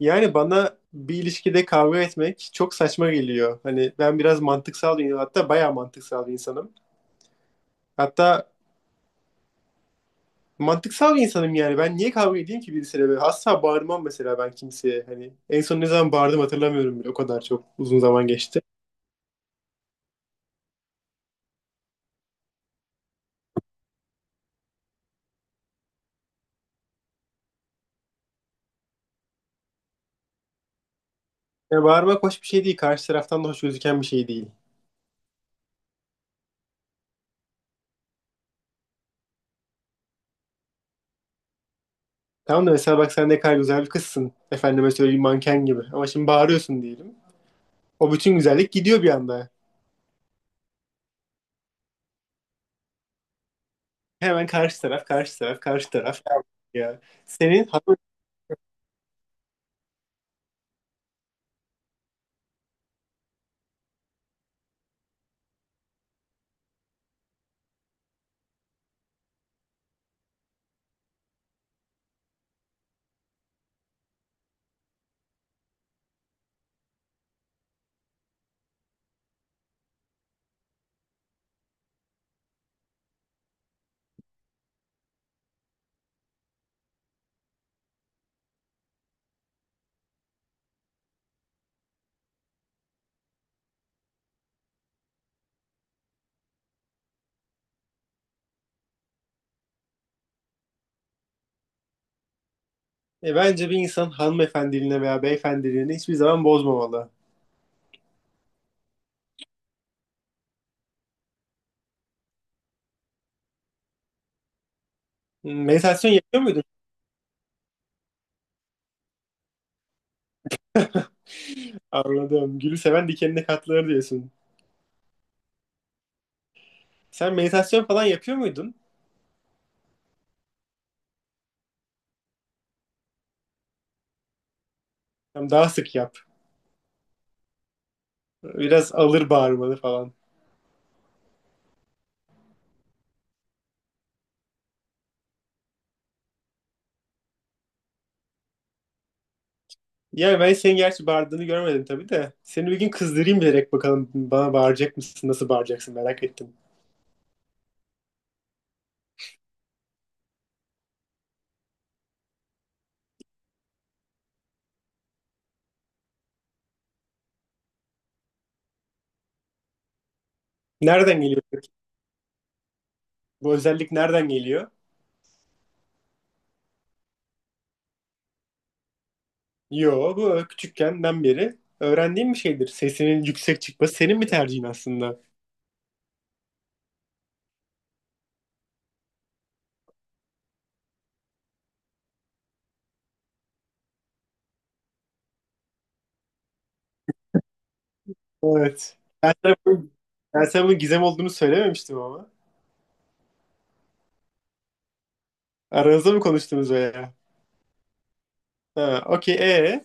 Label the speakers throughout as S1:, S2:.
S1: Yani bana bir ilişkide kavga etmek çok saçma geliyor. Hani ben biraz mantıksal bir, hatta bayağı mantıksal bir insanım. Hatta mantıksal bir insanım yani. Ben niye kavga edeyim ki birisiyle böyle? Asla bağırmam mesela ben kimseye. Hani en son ne zaman bağırdım hatırlamıyorum bile. O kadar çok uzun zaman geçti. Yani bağırmak hoş bir şey değil. Karşı taraftan da hoş gözüken bir şey değil. Tamam da mesela bak sen ne kadar güzel bir kızsın. Efendime söyleyeyim manken gibi. Ama şimdi bağırıyorsun diyelim. O bütün güzellik gidiyor bir anda. Hemen karşı taraf, karşı taraf, karşı taraf. Ya senin hanım bence bir insan hanımefendiliğine veya beyefendiliğine hiçbir zaman bozmamalı. Hmm. Meditasyon yapıyor muydun? Anladım. Gülü seven dikenine katlanır diyorsun. Sen meditasyon falan yapıyor muydun? Tamam, daha sık yap. Biraz alır bağırmanı falan. Yani ben senin gerçi bağırdığını görmedim tabii de. Seni bir gün kızdırayım bilerek bakalım bana bağıracak mısın? Nasıl bağıracaksın merak ettim. Nereden geliyor peki? Bu özellik nereden geliyor? Yo, bu küçükkenden beri öğrendiğim bir şeydir. Sesinin yüksek çıkması senin bir tercihin aslında. Evet. Ben sana bunun, ben sana bunun gizem olduğunu söylememiştim ama. Aranızda mı konuştunuz veya? Ha, okey. Ee?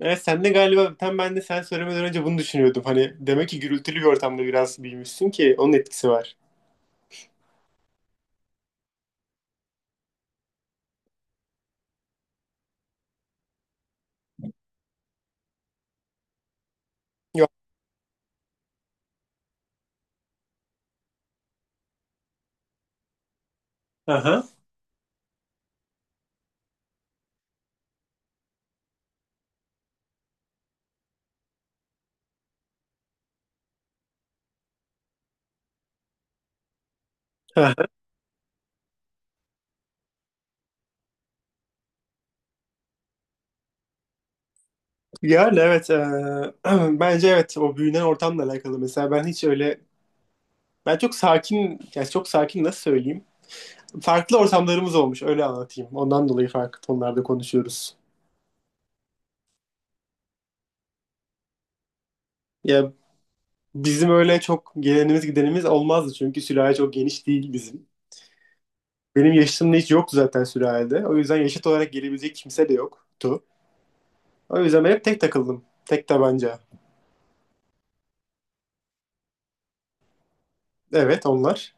S1: Sen de galiba tam ben de sen söylemeden önce bunu düşünüyordum. Hani demek ki gürültülü bir ortamda biraz büyümüşsün ki onun etkisi var. Yok. Aha. Aha. Yani evet. e, Bence evet, o büyünen ortamla alakalı. Mesela ben hiç öyle, ben çok sakin, yani çok sakin, nasıl söyleyeyim? Farklı ortamlarımız olmuş, öyle anlatayım. Ondan dolayı farklı tonlarda konuşuyoruz. Ya, bizim öyle çok gelenimiz gidenimiz olmazdı çünkü sülale çok geniş değil bizim. Benim yaşımda hiç yoktu zaten sülalede. O yüzden yaşıt olarak gelebilecek kimse de yoktu. O yüzden ben hep tek takıldım. Tek tabanca. Evet, onlar.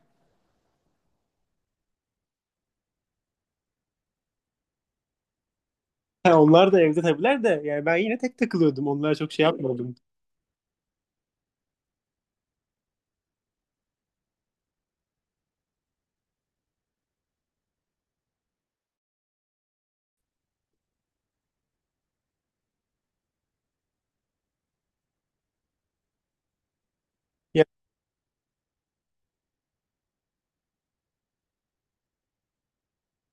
S1: Ha, onlar da evde tabiler de yani ben yine tek takılıyordum. Onlar çok şey yapmadım. Ya-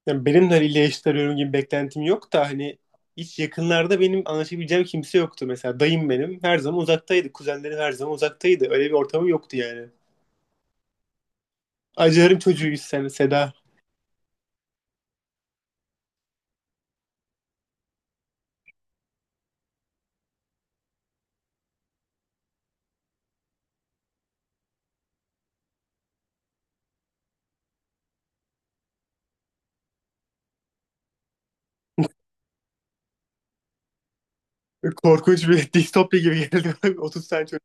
S1: Yani, benim haliyle yaşıt arıyorum gibi beklentim yok da, hani hiç yakınlarda benim anlaşabileceğim kimse yoktu. Mesela dayım benim her zaman uzaktaydı. Kuzenlerim her zaman uzaktaydı. Öyle bir ortamım yoktu yani. Acılarım çocuğuyuz sen Seda. Korkunç bir distopya gibi geldi. 30 tane çocuk.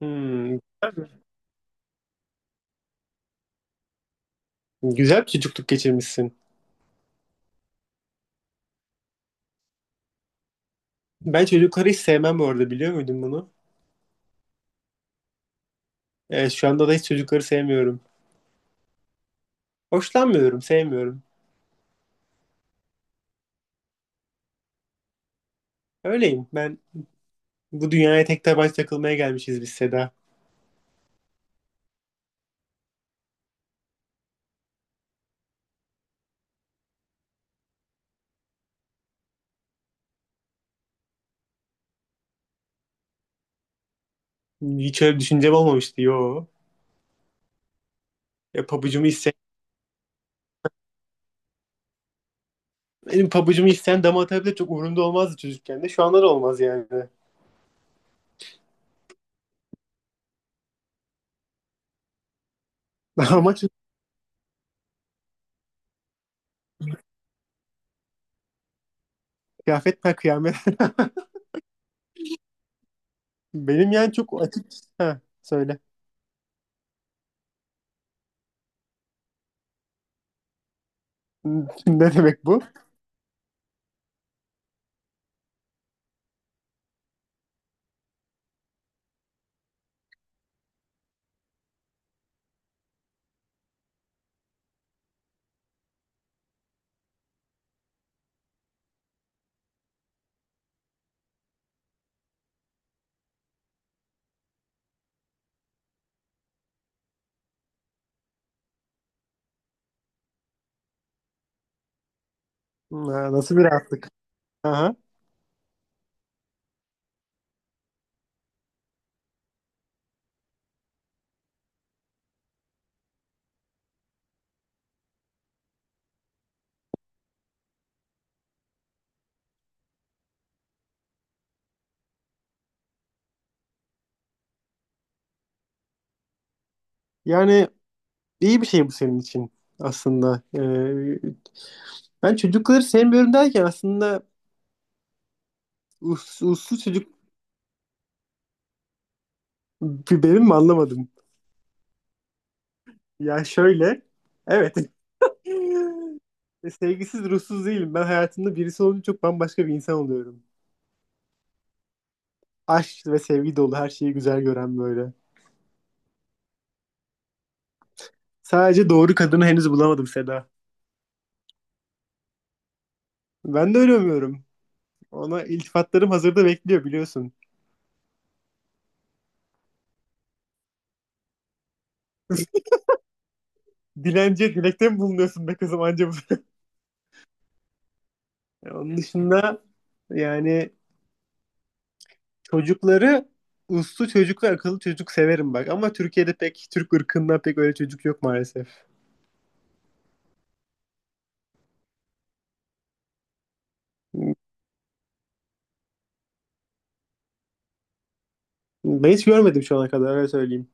S1: Hmm, güzel mi? Güzel bir çocukluk geçirmişsin. Ben çocukları hiç sevmem bu arada, biliyor muydun bunu? Evet, şu anda da hiç çocukları sevmiyorum. Hoşlanmıyorum, sevmiyorum. Öyleyim. Ben bu dünyaya tek tabanca takılmaya gelmişiz biz Seda. Hiç öyle bir düşüncem olmamıştı. Yo. Ya, pabucumu isteyen, benim pabucumu isteyen dama atabilir, çok umurumda olmazdı çocukken de. Şu anda da olmaz yani. Ama çocuk- Kıyafet per kıyamet. Benim yani çok açık. Ha, söyle. Ne demek bu? Ha, nasıl bir rahatlık? Aha. Yani iyi bir şey bu senin için aslında. Ben çocukları sevmiyorum derken aslında uslu çocuk bir benim mi, anlamadım. Ya şöyle, evet. Sevgisiz, ruhsuz değilim. Ben hayatımda birisi olunca çok bambaşka bir insan oluyorum. Aşk ve sevgi dolu, her şeyi güzel gören böyle. Sadece doğru kadını henüz bulamadım Seda. Ben de öyle umuyorum. Ona iltifatlarım hazırda bekliyor biliyorsun. Dilenciye dilekte mi bulunuyorsun be kızım anca bu Onun dışında yani çocukları, uslu çocuklar, akıllı çocuk severim bak. Ama Türkiye'de pek, Türk ırkında pek öyle çocuk yok maalesef. Ben hiç görmedim şu ana kadar, öyle söyleyeyim.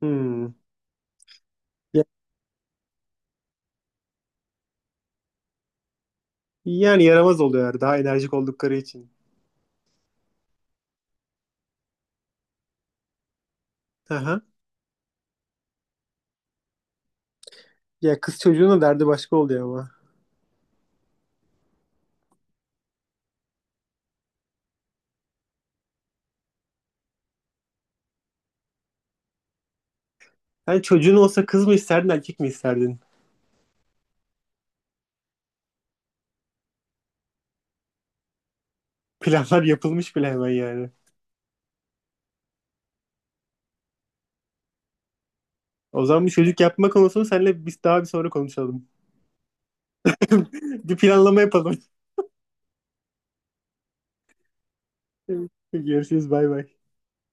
S1: Hmm. Ya- Yani yaramaz oluyorlar daha enerjik oldukları için. Aha. Ya, kız çocuğunun derdi başka oluyor ama. Sen çocuğun olsa kız mı isterdin, erkek mi isterdin? Planlar yapılmış bile hemen yani. O zaman bir çocuk yapma konusunu seninle biz daha bir sonra konuşalım. Bir planlama yapalım. Görüşürüz, bay bay.